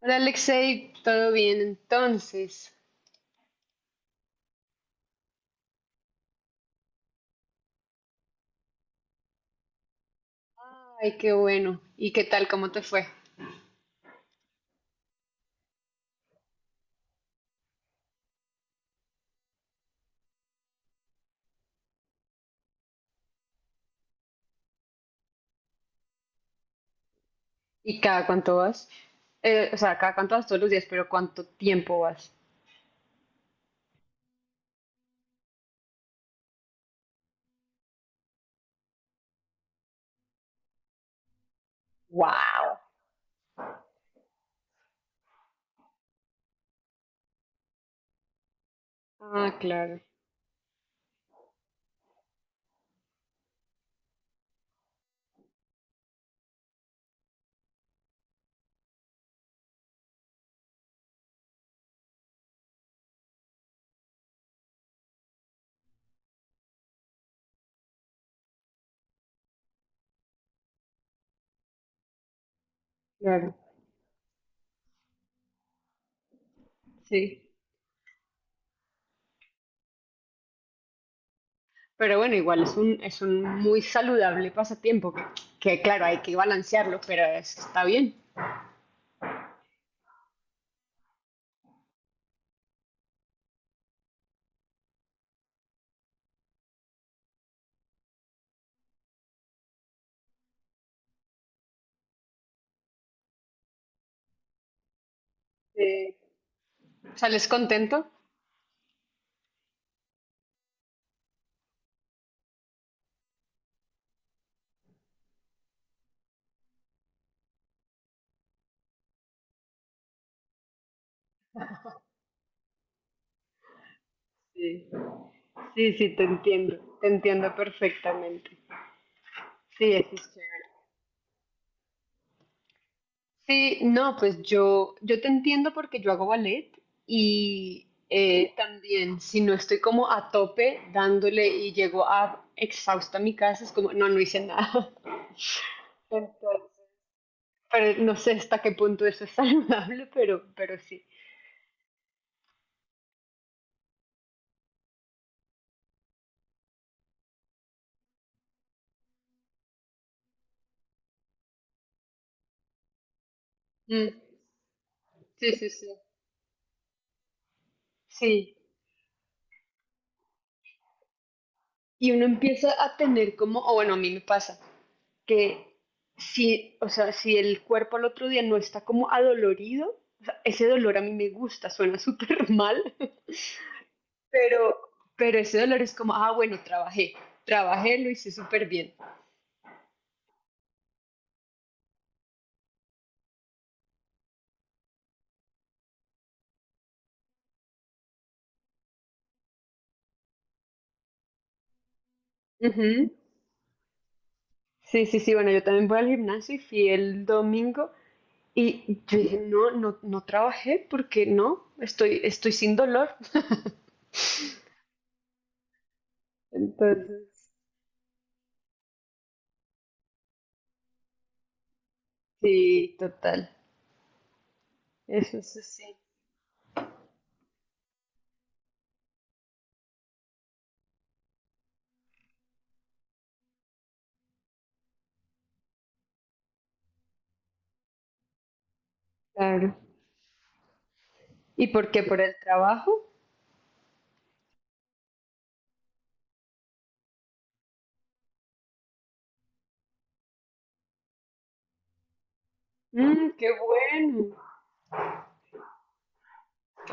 Hola Alexei, ¿todo bien entonces? Ay, qué bueno. ¿Y qué tal? ¿Cómo te fue? ¿Y cada cuánto vas? O sea, cada cuánto vas todos los días, pero ¿cuánto tiempo vas? Wow. Ah, claro, claro, sí. Pero bueno, igual es un muy saludable pasatiempo que, claro, hay que balancearlo, pero está bien. Sí. ¿Sales contento? Sí, sí, sí, te entiendo perfectamente. Sí, eso es chévere. Sí, no, pues yo te entiendo porque yo hago ballet y también si no estoy como a tope dándole y llego a exhausta a mi casa, es como, no, no hice nada. Entonces, pero no sé hasta qué punto eso es saludable, pero sí. Mm, sí, sí, sí. Sí. Y uno empieza a tener como, o bueno, a mí me pasa, que si, o sea, si el cuerpo al otro día no está como adolorido, o sea, ese dolor a mí me gusta, suena súper mal. Pero, pero ese dolor es como, ah, bueno, trabajé, trabajé, lo hice súper bien. Ujú. Sí, sí, sí, bueno, yo también voy al gimnasio y fui el domingo y yo dije, no, no, no trabajé porque no, estoy, estoy sin dolor. Entonces, sí, total, eso es así, claro. ¿Y por qué? ¿Por el trabajo? Mm, qué bueno.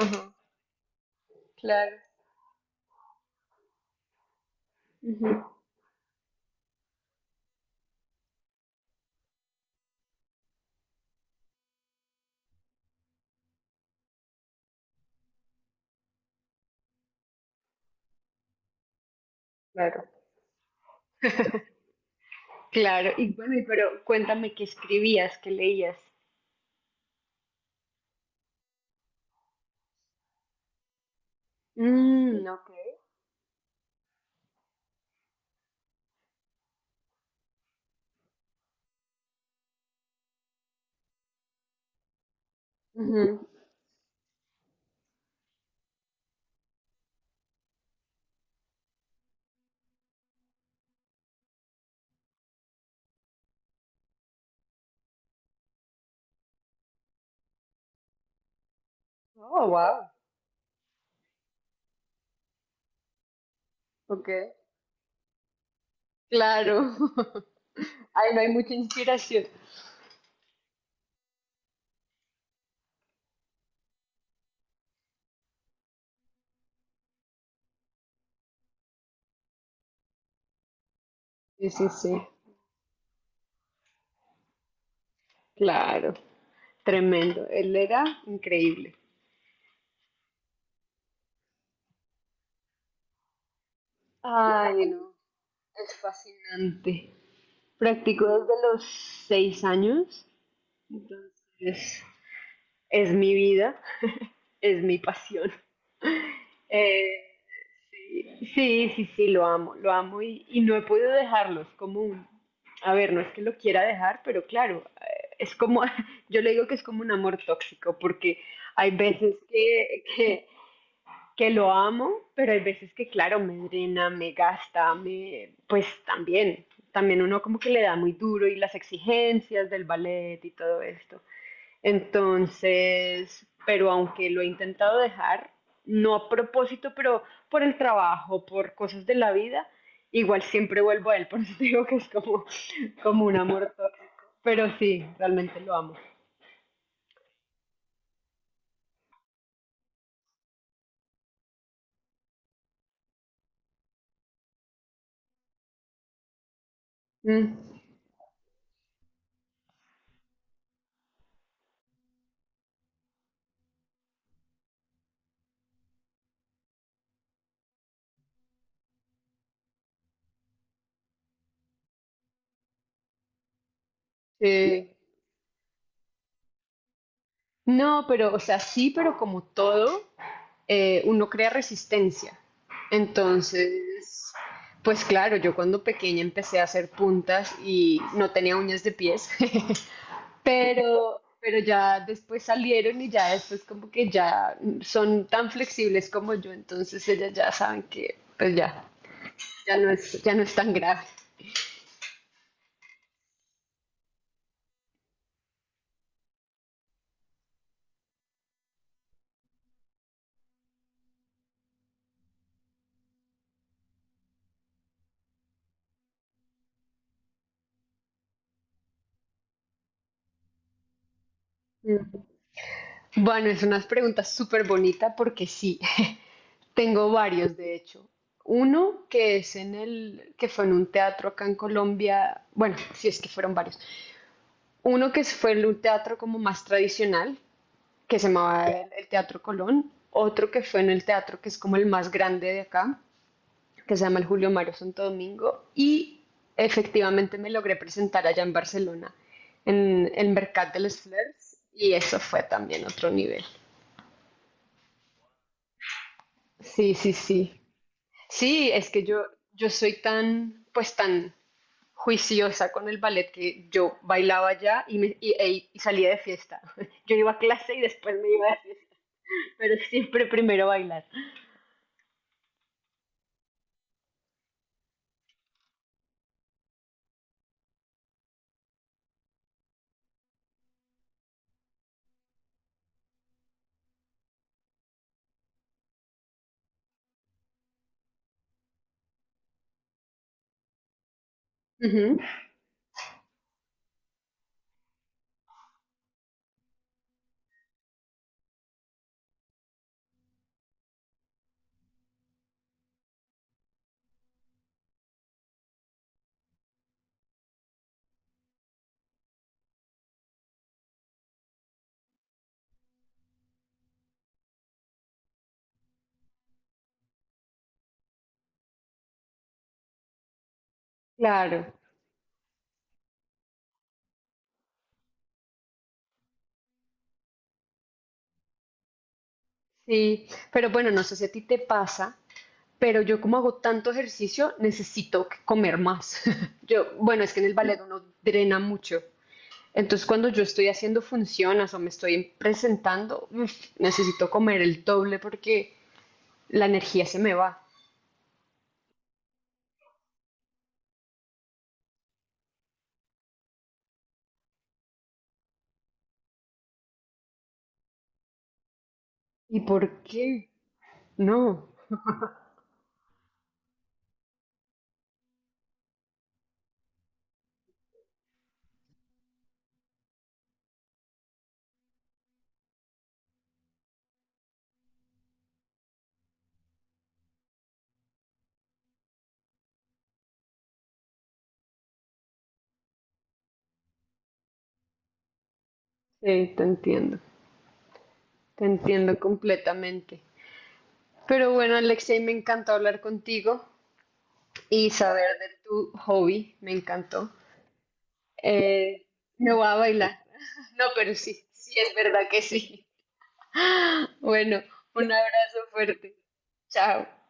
Ajá, claro. Ujú, claro. Claro, y bueno, y pero cuéntame qué escribías, qué leías. Mm, ok. Oh, wow. Ok. Claro. Ay, no hay mucha inspiración. Sí, sí, sí. Claro. Tremendo. Él era increíble. Ay, no. Es fascinante. Practico desde los 6 años. Es, es mi vida, es mi pasión. Eh, Sí, sí, sí, lo amo y no he podido dejarlo, es como un, a ver, no es que lo quiera dejar, pero claro, es como, yo le digo que es como un amor tóxico, porque hay veces que lo amo, pero hay veces que, claro, me drena, me gasta, me, pues también, también uno como que le da muy duro y las exigencias del ballet y todo esto. Entonces, pero aunque lo he intentado dejar, no a propósito, pero por el trabajo, por cosas de la vida, igual siempre vuelvo a él, por eso te digo que es como, como un amor tóxico. Pero sí, realmente lo amo. Mm, eh, no, pero, o sea, sí, pero como todo, uno crea resistencia. Entonces, pues claro, yo cuando pequeña empecé a hacer puntas y no tenía uñas de pies. Pero ya después salieron y ya después como que ya son tan flexibles como yo, entonces ellas ya saben que pues ya, ya no es tan grave. Mm. Bueno, es una pregunta súper bonita porque sí, tengo varios de hecho. Uno que es en el, que fue en un teatro acá en Colombia, bueno, si es que fueron varios. Uno que fue en un teatro como más tradicional, que se llamaba el Teatro Colón. Otro que fue en el teatro que es como el más grande de acá, que se llama el Julio Mario Santo Domingo, y efectivamente me logré presentar allá en Barcelona, en el Mercat de les Fleurs, y eso fue también otro nivel. Sí, sí, sí. Sí, es que yo soy tan, pues tan juiciosa con el ballet que yo bailaba allá y, y salía de fiesta. Yo iba a clase y después me iba de fiesta, pero siempre primero bailar. Ujú, claro, sí. Pero bueno, no sé si a ti te pasa pero yo como hago tanto ejercicio, necesito comer más. Yo, bueno, es que en el ballet uno drena mucho. Entonces cuando yo estoy haciendo funciones o me estoy presentando, uf, necesito comer el doble porque la energía se me va. ¿Y por qué? No, sí, te entiendo completamente. Pero bueno, Alexei, me encantó hablar contigo y saber de tu hobby, me encantó. Eh, me voy a bailar. No, pero sí, sí, es verdad que sí. Bueno, un abrazo fuerte. Chao.